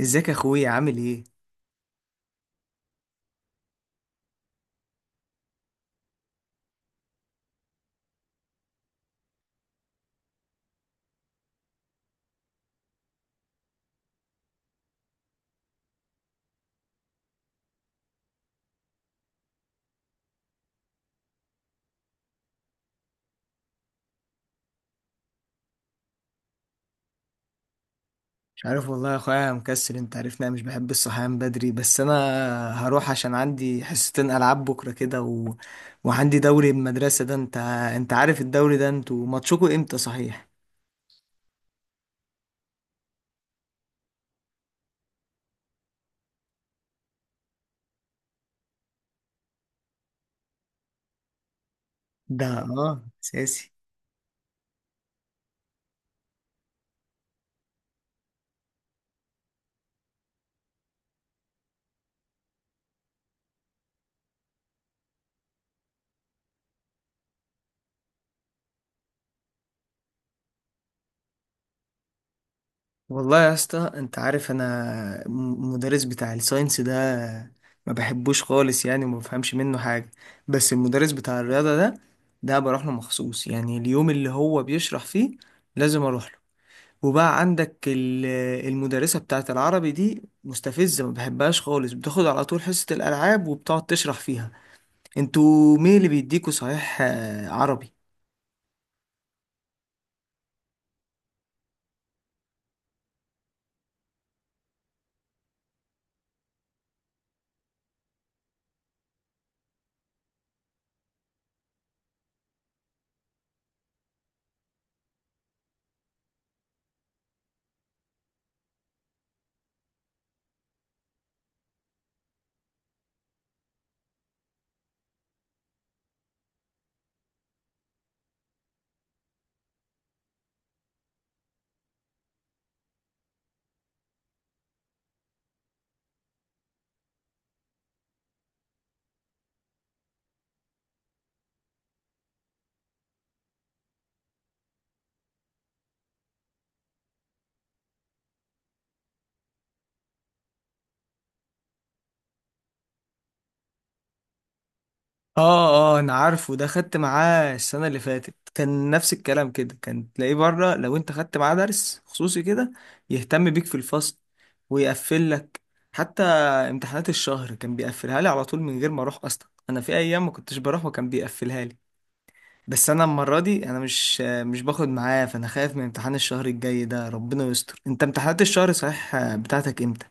ازيك يا اخويا، عامل ايه؟ مش عارف والله يا اخويا، أنا مكسل، انت عارفني انا مش بحب الصحيان بدري، بس انا هروح عشان عندي حصتين العاب بكره كده وعندي دوري المدرسه ده. انت عارف الدوري ده، انتوا ماتشكوا امتى صحيح؟ ده اساسي. والله يا اسطى، انت عارف انا مدرس بتاع الساينس ده ما بحبوش خالص يعني، وما بفهمش منه حاجه. بس المدرس بتاع الرياضه ده بروح له مخصوص يعني اليوم اللي هو بيشرح فيه لازم اروح له. وبقى عندك المدرسة بتاعت العربي دي مستفزة، ما بحبهاش خالص، بتاخد على طول حصة الألعاب وبتقعد تشرح فيها. انتوا مين اللي بيديكوا صحيح عربي؟ اه اه، انا عارفه ده، خدت معاه السنة اللي فاتت، كان نفس الكلام كده، كان تلاقيه بره لو انت خدت معاه درس خصوصي كده يهتم بيك في الفصل ويقفل لك. حتى امتحانات الشهر كان بيقفلها لي على طول من غير ما اروح، اصلا انا في ايام ما كنتش بروح وكان بيقفلها لي. بس انا المره دي انا مش باخد معاه، فانا خايف من امتحان الشهر الجاي ده، ربنا يستر. انت امتحانات الشهر صحيح بتاعتك امتى؟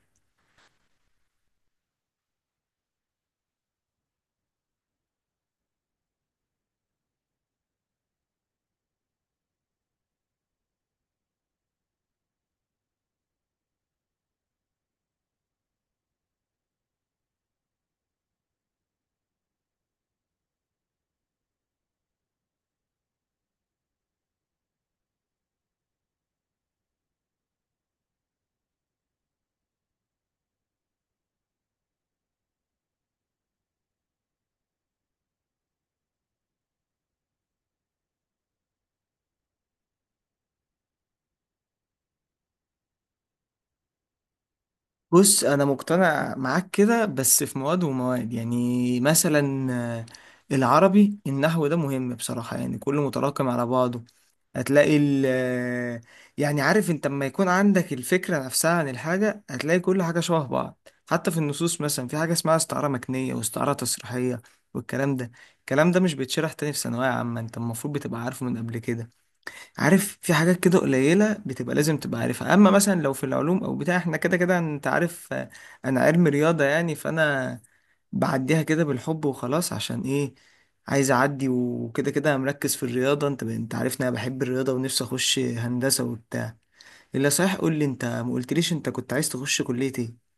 بص انا مقتنع معاك كده، بس في مواد ومواد، يعني مثلا العربي النحو ده مهم بصراحه، يعني كله متراكم على بعضه. هتلاقي يعني عارف انت لما يكون عندك الفكرة نفسها عن الحاجة هتلاقي كل حاجة شبه بعض. حتى في النصوص مثلا في حاجة اسمها استعارة مكنية واستعارة تصريحية، والكلام ده الكلام ده مش بيتشرح تاني في ثانوية عامة، انت المفروض بتبقى عارفه من قبل كده. عارف، في حاجات كده قليلة بتبقى لازم تبقى عارفها، اما مثلا لو في العلوم او بتاع احنا كده كده انت عارف، انا علم رياضة يعني، فانا بعديها كده بالحب وخلاص. عشان ايه؟ عايز اعدي، وكده كده مركز في الرياضة. انت عارفني انا بحب الرياضة ونفسي اخش هندسة وبتاع. الا صحيح قول لي، انت ما قلتليش انت كنت عايز تخش كلية ايه؟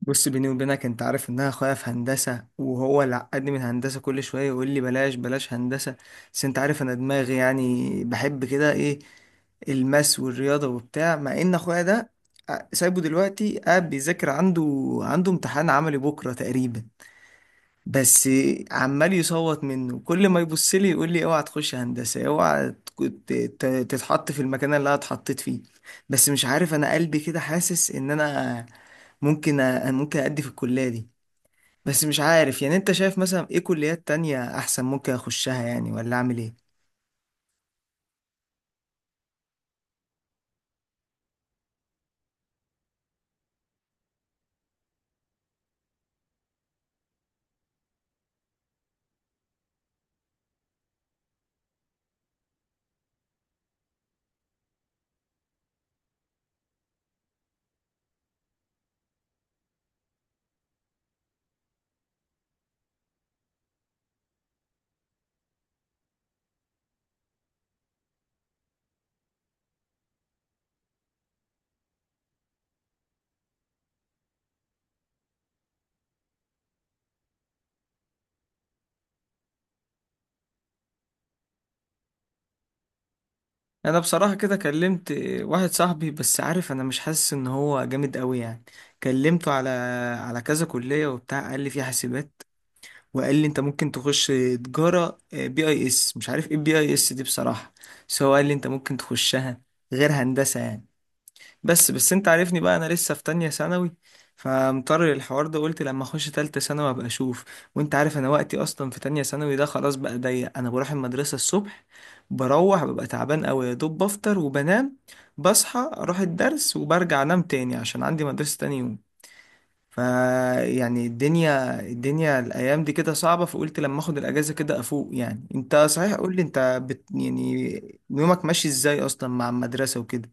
بص بيني وبينك، انت عارف ان انا اخويا في هندسة، وهو اللي عقدني من هندسة، كل شوية يقول لي بلاش بلاش هندسة. بس انت عارف انا دماغي يعني بحب كده ايه، الماس والرياضة وبتاع. مع ان اخويا ده سايبه دلوقتي قاعد بيذاكر، عنده عنده امتحان عملي بكرة تقريبا، بس عمال يصوت منه، كل ما يبص لي يقول لي اوعى تخش هندسة، اوعى تتحط في المكان اللي انا اتحطيت فيه. بس مش عارف، انا قلبي كده حاسس ان انا ممكن ممكن ادي في الكلية دي. بس مش عارف يعني، انت شايف مثلا ايه كليات تانية احسن ممكن اخشها يعني، ولا اعمل ايه؟ انا بصراحة كده كلمت واحد صاحبي، بس عارف انا مش حاسس ان هو جامد قوي يعني. كلمته على كذا كلية وبتاع، قال لي في حاسبات، وقال لي انت ممكن تخش تجارة بي اي اس، مش عارف ايه بي اي اس دي بصراحة، بس هو قال لي انت ممكن تخشها غير هندسة يعني. بس انت عارفني بقى انا لسه في تانية ثانوي، فمضطر للحوار ده، قلت لما اخش تالتة ثانوي ابقى اشوف. وانت عارف انا وقتي اصلا في تانية ثانوي ده خلاص بقى ضيق، انا بروح المدرسة الصبح، بروح ببقى تعبان قوي، يا دوب بفطر وبنام، بصحى اروح الدرس وبرجع انام تاني عشان عندي مدرسة تاني يوم. فيعني الدنيا الايام دي كده صعبه، فقلت لما اخد الاجازه كده افوق يعني. انت صحيح قول لي، انت بت يعني يومك ماشي ازاي اصلا مع المدرسه وكده؟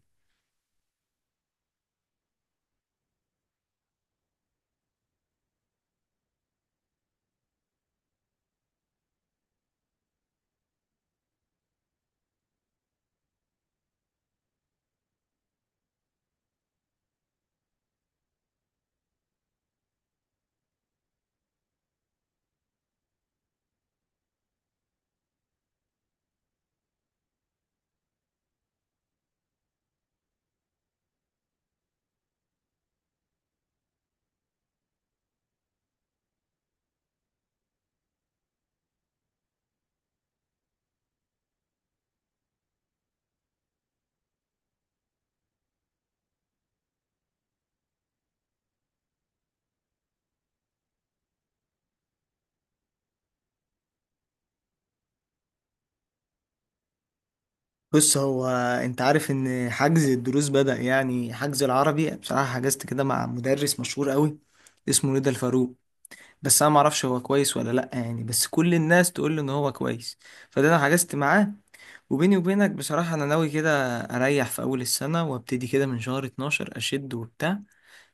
بص هو، انت عارف ان حجز الدروس بدأ، يعني حجز العربي بصراحه حجزت كده مع مدرس مشهور قوي اسمه ندى الفاروق، بس انا ما اعرفش هو كويس ولا لا يعني، بس كل الناس تقول لي ان هو كويس، فده انا حجزت معاه. وبيني وبينك بصراحه انا ناوي كده اريح في اول السنه، وابتدي كده من شهر 12 اشد وبتاع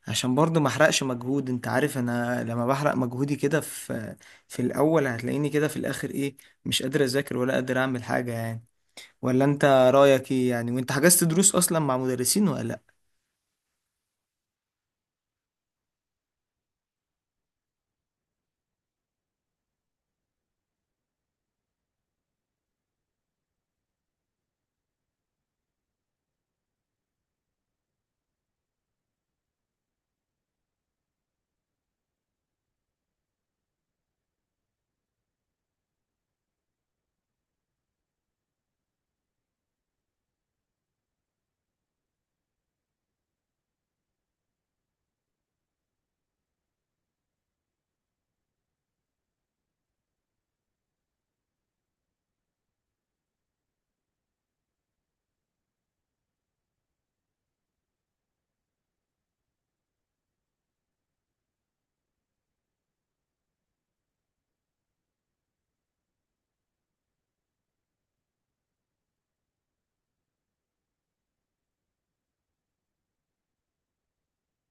عشان برضو ما احرقش مجهود. انت عارف انا لما بحرق مجهودي كده في الاول، هتلاقيني كده في الاخر ايه، مش قادر اذاكر ولا قادر اعمل حاجة يعني. ولا انت رايك ايه يعني، وانت حجزت دروس اصلا مع مدرسين ولا لا؟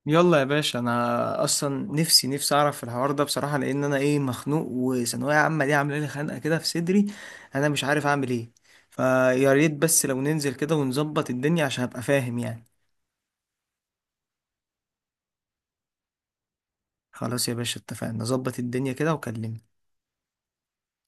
يلا يا باشا، انا اصلا نفسي اعرف الحوار ده بصراحة، لان انا ايه مخنوق، وثانوية عامة دي عاملة لي خنقة كده في صدري، انا مش عارف اعمل ايه. فيا ريت بس لو ننزل كده ونظبط الدنيا عشان ابقى فاهم يعني. خلاص يا باشا، اتفقنا نظبط الدنيا كده وكلمني.